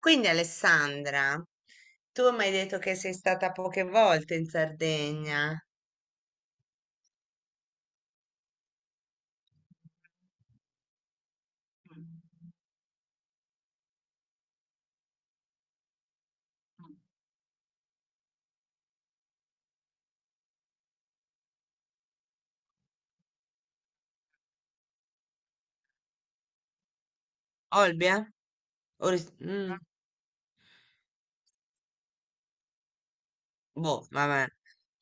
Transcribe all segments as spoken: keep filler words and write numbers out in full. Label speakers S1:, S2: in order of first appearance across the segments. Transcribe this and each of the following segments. S1: Quindi Alessandra, tu mi hai detto che sei stata poche volte in Sardegna. Mm. Olbia? O Ris- mm, No, boh, vabbè.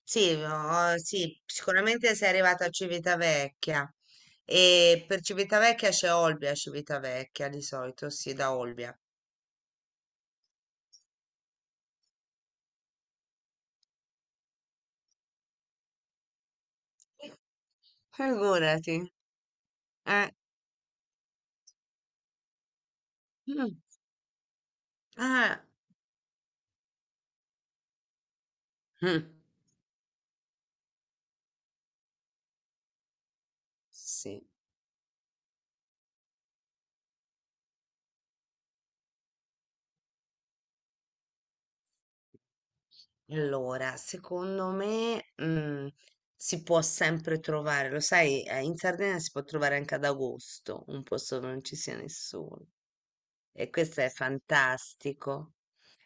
S1: Sì, ho- sì, sicuramente sei arrivata a Civitavecchia. E per Civitavecchia c'è Olbia, Civitavecchia di solito, sì, da Olbia. Figurati. Eh. Mm. Ah. Mm. Sì. Allora, secondo me, mm, si può sempre trovare, lo sai, eh, in Sardegna si può trovare anche ad agosto un posto dove non ci sia nessuno e questo è fantastico.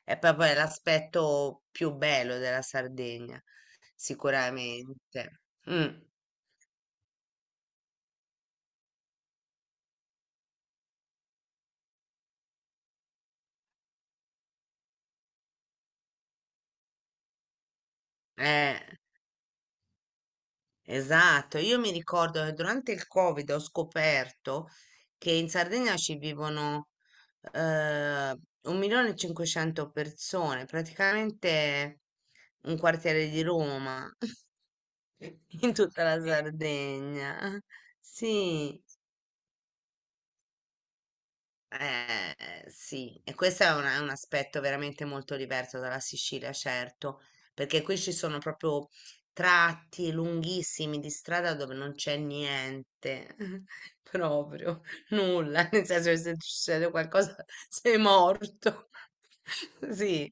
S1: È proprio l'aspetto più bello della Sardegna, sicuramente. Mm, eh. Esatto, io mi ricordo che durante il Covid ho scoperto che in Sardegna ci vivono eh, un milione e cinquecentomila persone, praticamente un quartiere di Roma in tutta la Sardegna. Sì, Eh, eh, sì, e questo è un, è un aspetto veramente molto diverso dalla Sicilia, certo, perché qui ci sono proprio tratti lunghissimi di strada dove non c'è niente, proprio nulla, nel senso che se succede qualcosa sei morto. Sì,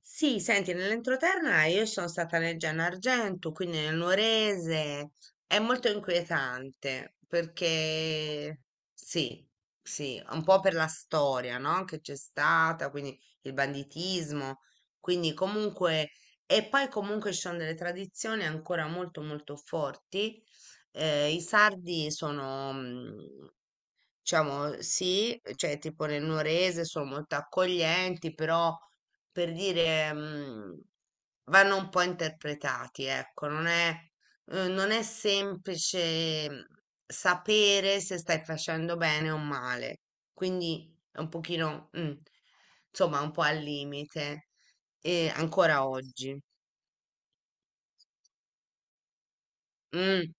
S1: sì, senti, nell'entroterra io sono stata nel Gianargento, quindi nel Nuorese. È molto inquietante perché sì, sì, un po' per la storia, no? Che c'è stata, quindi il banditismo, quindi comunque, e poi comunque ci sono delle tradizioni ancora molto molto forti. eh, i sardi sono, mm, diciamo sì, cioè tipo nel Nuorese sono molto accoglienti, però per dire mm, vanno un po' interpretati, ecco, non è, eh, non è semplice, mm, sapere se stai facendo bene o male, quindi è un pochino, mm, insomma, un po' al limite, e ancora oggi. Mm.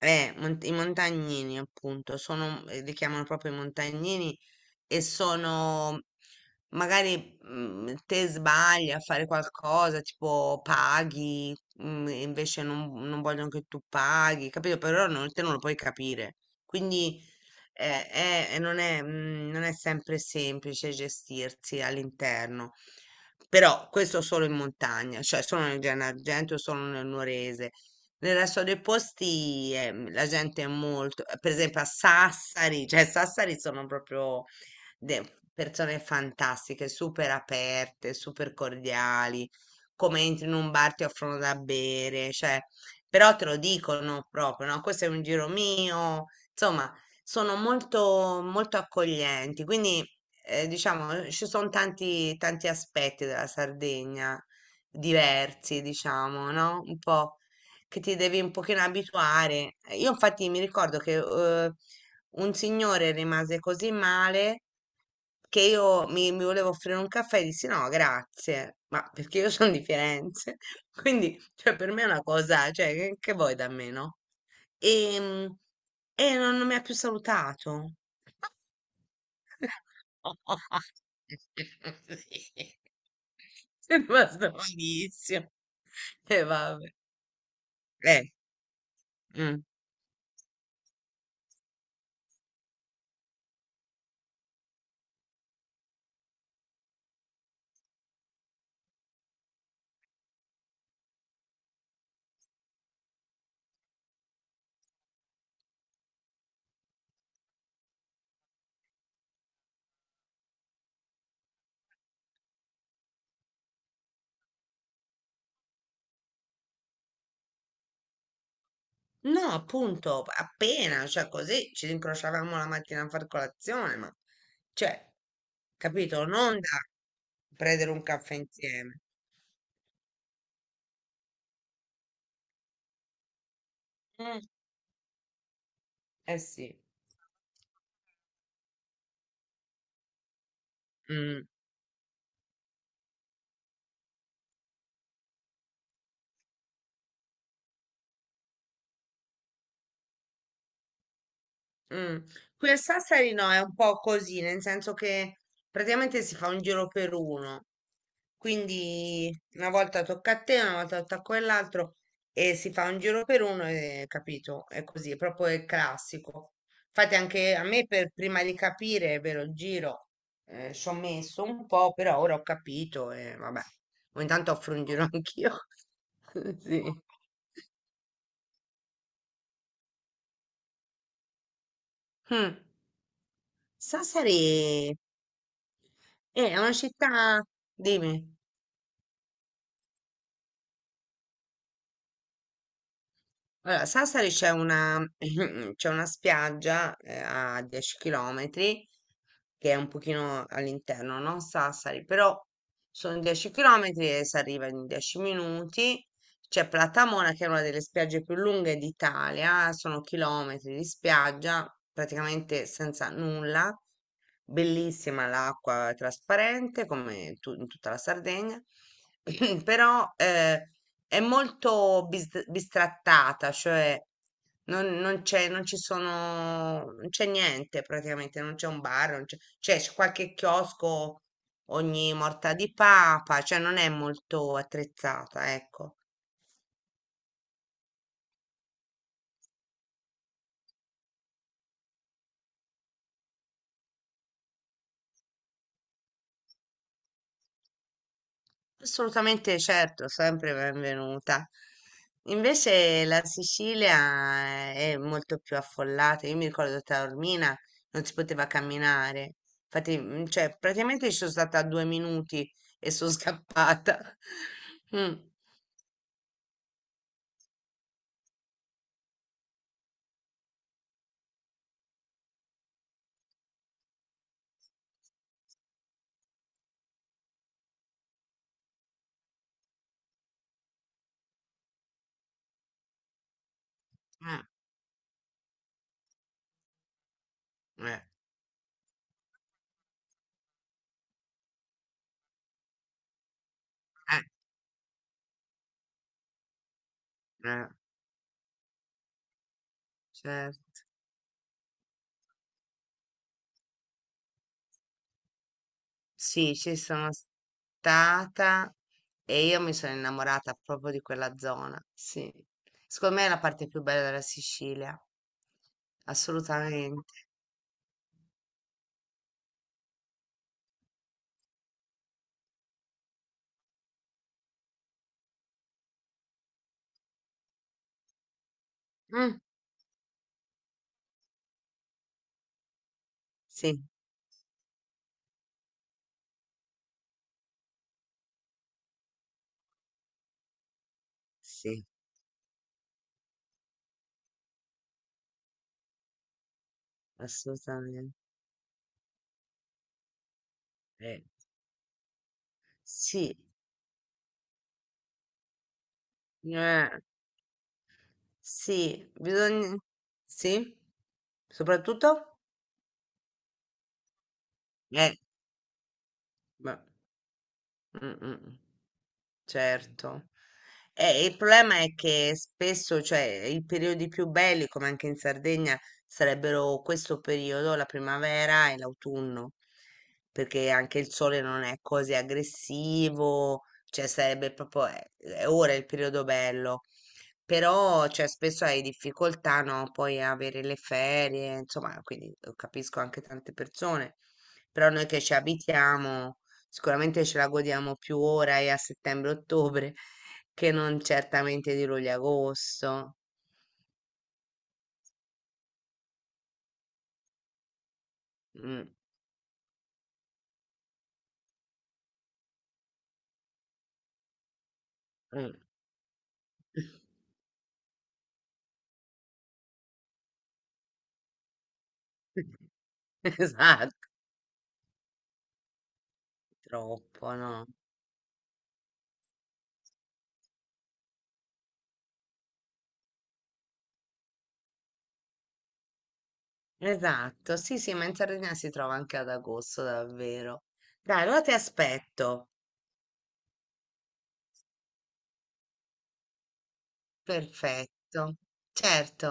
S1: Eh, mont- i montagnini, appunto, sono, eh, li chiamano proprio i montagnini e sono, mhmm, magari mm, te sbagli a fare qualcosa, tipo paghi, mm, e invece non, non vogliono che tu paghi, capito? Però non, te non lo puoi capire. Quindi eh, è- è- non è, mm, non è sempre semplice gestirsi all'interno. Però questo solo in montagna, cioè solo nel Gennargentu, solo nel Nuorese. Nel resto dei posti ehm, la gente è molto, per esempio a Sassari, cioè Sassari sono proprio de- persone fantastiche, super aperte, super cordiali. Come entri in un bar ti offrono da bere, cioè, però te lo dicono proprio, no? Questo è un giro mio, insomma, sono molto, molto accoglienti, quindi eh, diciamo ci sono tanti, tanti aspetti della Sardegna diversi, diciamo, no? Un po' che ti devi un pochino abituare. Eh, Io infatti mi ricordo che eh, un signore rimase così male che io mi, mi volevo offrire un caffè e dissi no, grazie, ma perché io sono di Firenze. Quindi cioè, per me è una cosa, cioè, che, che vuoi da me, no? E, mm, e non, non mi ha più salutato. Sì. È rimasto malissimo. E vabbè. Eh, mm. No, appunto, appena, cioè così ci rincrociavamo la mattina a far colazione, ma cioè, capito? Non da prendere un caffè insieme. Mm. Eh sì. Mm. Mm. Qui a Sassari no, è un po' così, nel senso che praticamente si fa un giro per uno. Quindi una volta tocca a te, una volta tocca a quell'altro e si fa un giro per uno e capito, è così, è proprio il classico. Infatti anche a me per prima di capire, è vero, il giro eh, ci ho messo un po', però ora ho capito e vabbè, ogni tanto offro un giro anch'io. Sì. Mm. Sassari eh, è una città, dimmi. Allora, Sassari c'è una, c'è una spiaggia eh, a dieci chilometri, che è un pochino all'interno, non Sassari, però sono dieci chilometri e si arriva in dieci minuti. C'è Platamona che è una delle spiagge più lunghe d'Italia, sono chilometri di spiaggia praticamente senza nulla, bellissima. L'acqua è trasparente come tu- in tutta la Sardegna. però eh, è molto bis- bistrattata, cioè non, non c'è, non ci sono, non c'è niente praticamente, non c'è un bar, non c'è, cioè c'è qualche chiosco ogni morta di papa, cioè non è molto attrezzata, ecco. Assolutamente certo, sempre benvenuta. Invece la Sicilia eh, è molto più affollata. Io mi ricordo Taormina non si poteva camminare. Infatti, mm, cioè, praticamente ci sono stata due minuti e sono scappata. Mm. Eh, eh, eh, eh, certo. Sì, ci sono stata e io mi sono innamorata proprio di quella zona. Sì. Secondo me è la parte più bella della Sicilia. Assolutamente. Mh. Sì, sì, assolutamente. Eh, Sì, eh, sì, bisogn sì? Soprattutto? Eh, beh, mh-mh. Certo. Eh, il problema è che spesso, cioè, i periodi più belli, come anche in Sardegna, sarebbero questo periodo, la primavera e l'autunno, perché anche il sole non è così aggressivo, cioè sarebbe proprio, eh, eh, ora è il periodo bello. Però, cioè, spesso hai difficoltà, no? Poi a avere le ferie, insomma, quindi eh, capisco anche tante persone. Però noi che ci abitiamo sicuramente ce la godiamo più ora e a settembre-ottobre che non certamente di luglio e agosto. Mm, mm. Esatto, troppo, no? Esatto, sì, sì, ma in Sardegna si trova anche ad agosto, davvero. Dai, allora ti aspetto. Perfetto. Certo.